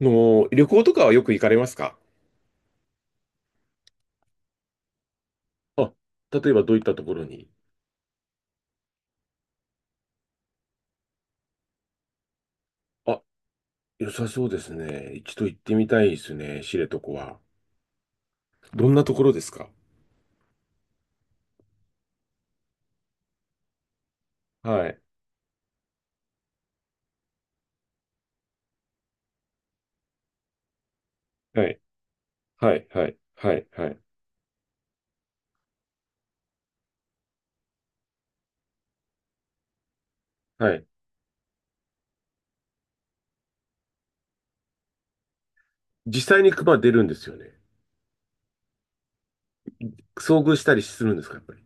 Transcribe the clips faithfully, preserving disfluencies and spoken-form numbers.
の、旅行とかはよく行かれますか？あ、例えばどういったところに？あ、良さそうですね。一度行ってみたいですね、知床は。どんなところですか？はい、はい、はい、はい、はい、はい。はい。実際に熊出るんですよね。遭遇したりするんですか、やっぱり。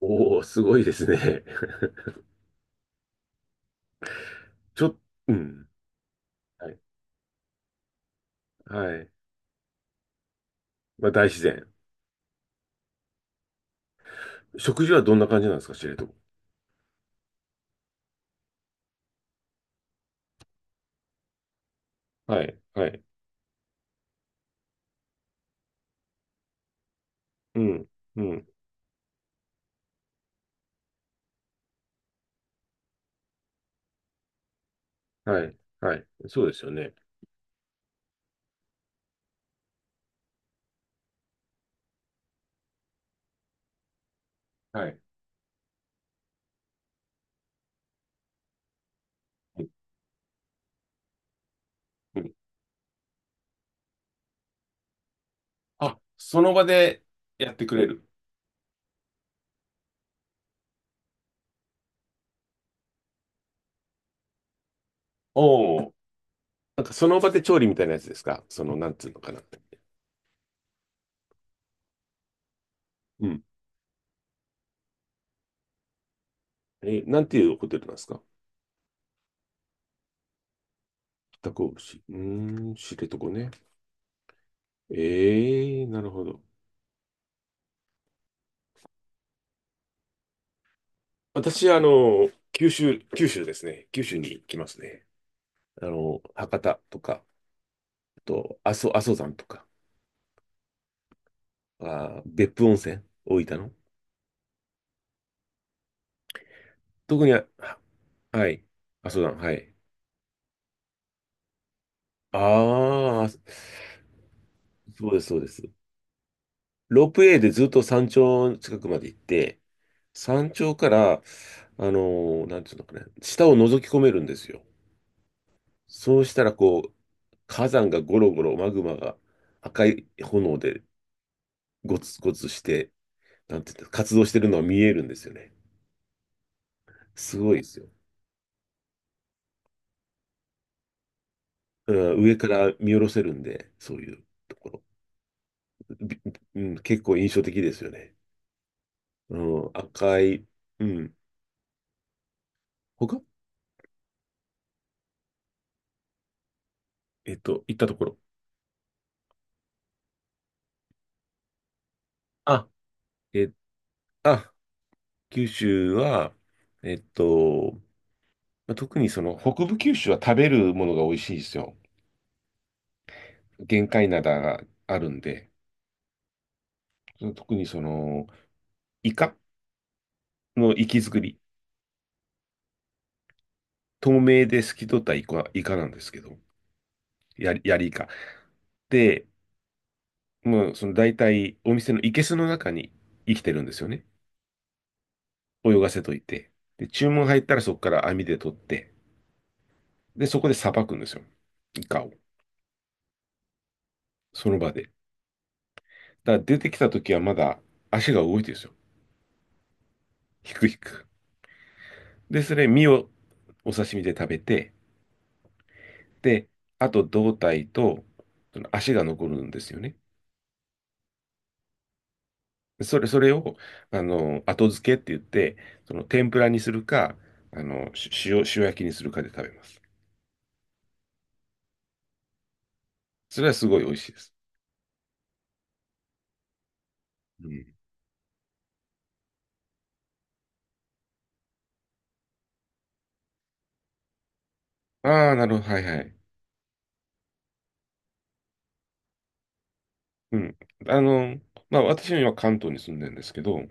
おー、すごいですね。ちょっ、うん。はい、はい。まあ、大自然。食事はどんな感じなんですか、知床。はい、はい。うん、うん。はい、はい。そうですよね。はい。うん。あ、その場でやってくれる。おお。なんかその場で調理みたいなやつですか、その、なんつうのかな。うん。え、なんていうホテルなんですか？北神戸市。うーん、知床ね。ええ、なるほど。私、あの、九州、九州ですね。九州に行きますね。あの、博多とか、あと、阿蘇、阿蘇山とか、あー、別府温泉、大分の。特に、は、はい、阿蘇山、はい。ああ、そうです、そうです。ロープウェイでずっと山頂近くまで行って、山頂から、あのーなんていうのかね、下を覗き込めるんですよ。そうしたら、こう、火山がゴロゴロ、マグマが赤い炎でゴツゴツして、なんていうんですか、活動してるのは見えるんですよね。すごいですよ。うん、上から見下ろせるんで、そういうところ。び、うん、結構印象的ですよね。うん、赤い、うん。他、えっと、行ったところ。あ、え、あ、九州は、えっと、まあ特にその北部九州は食べるものが美味しいですよ。玄界灘があるんで、その特にその、イカの活き造り、透明で透き通ったイカ、イカなんですけど、やり、やりイカ。で、もうその大体お店の生けすの中に生きてるんですよね。泳がせといて。で、注文入ったらそこから網で取って、で、そこでさばくんですよ。イカを。その場で。だから出てきた時はまだ足が動いてるんですよ。ひくひく。で、それ、身をお刺身で食べて、で、あと胴体と、その足が残るんですよね。それ、それを、あの、後付けって言って、その天ぷらにするか、あの、し塩、塩焼きにするかで食べます。それはすごい美味しいです。うん。ああ、なるほど。はいはい。うん。あの、まあ、私は今関東に住んでるんですけど、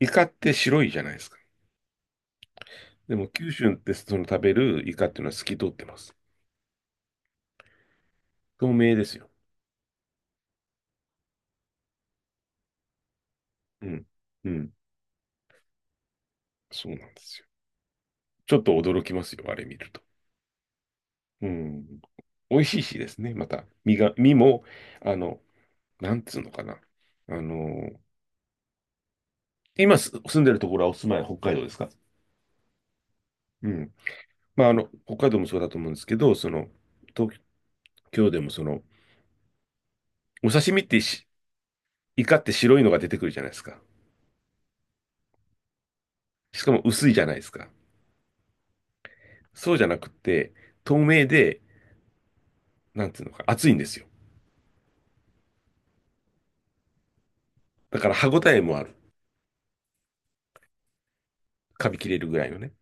イカって白いじゃないですか。でも、九州ってその食べるイカっていうのは透き通ってます。透明ですよ。うん。うん。そうなんですよ。ちょっと驚きますよ、あれ見ると。うん。美味しいしですね、また。身が、身も、あの、なんつうのかな。あの、今す住んでるところはお住まい北海道ですか？うん。まあ、あの、北海道もそうだと思うんですけど、その、東京でもその、お刺身ってし、イカって白いのが出てくるじゃないですか。しかも薄いじゃないですか。そうじゃなくて、透明で、なんつうのか、厚いんですよ。だから歯ごたえもある。噛み切れるぐらいのね。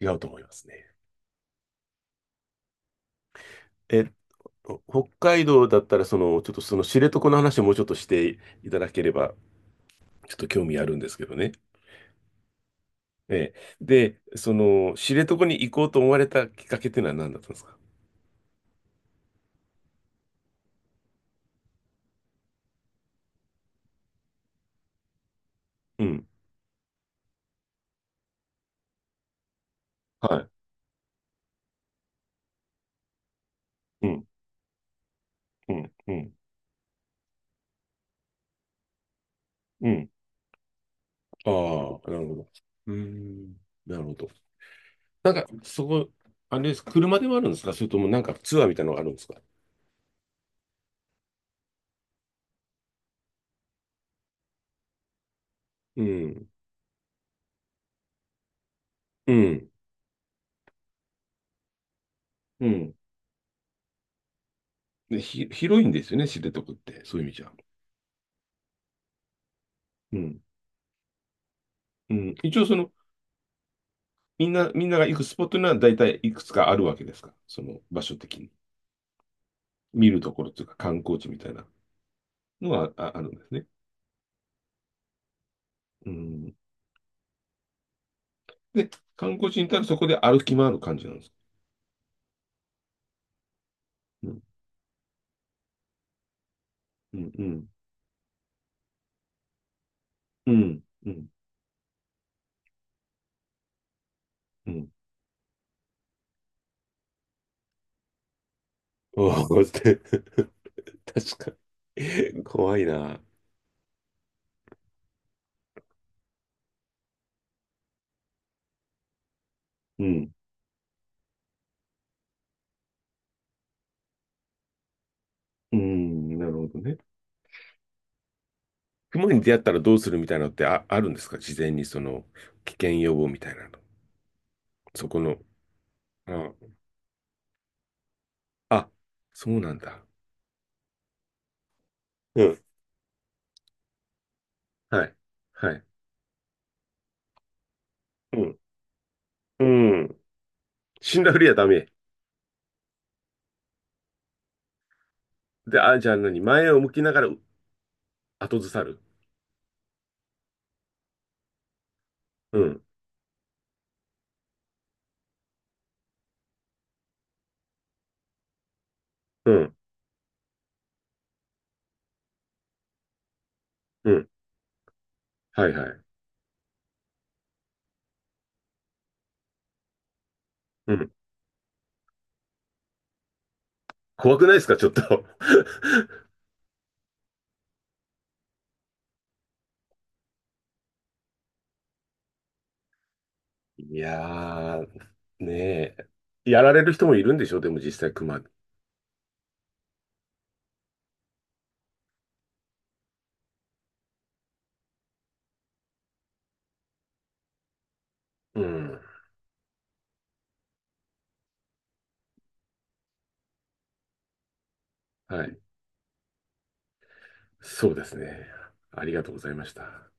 違うと思いますね。え、北海道だったら、その、ちょっとその知床の話をもうちょっとしていただければ、ちょっと興味あるんですけどね。ええ。で、その、知床に行こうと思われたきっかけっていうのは何だったんですか？うん。はい。うん。うん。うん。うん。ああ、なるほど。うーん。なるほど。なんか、そこ、あれです。車でもあるんですか、それともなんかツアーみたいなのがあるんですか？うん。うん。うん。で、ひ、広いんですよね、知床って。そういう意味じゃ。うん。うん。一応その、みんな、みんなが行くスポットには大体いくつかあるわけですか、その場所的に。見るところというか観光地みたいなのはあ、あるんですね。うん。で、観光地に行ったらそこで歩き回る感じなんですか？うん、うん、うん、うん、うん、うん。おお、こうやって 確かに。怖いな。うん、うん、なるほどね。熊に出会ったらどうするみたいなのって、あ、あるんですか、事前にその危険予防みたいなの。そこの。あ、あ、そうなんだ。うん、はい。はい。うんうん。死んだふりはダメ。で、あ、じゃあ何、前を向きながらう、後ずさる。うん。うん。うん。はいはい。うん。怖くないですか、ちょっと。いやー、ねえ。やられる人もいるんでしょ、でも実際熊。うん。はい。そうですね。ありがとうございました。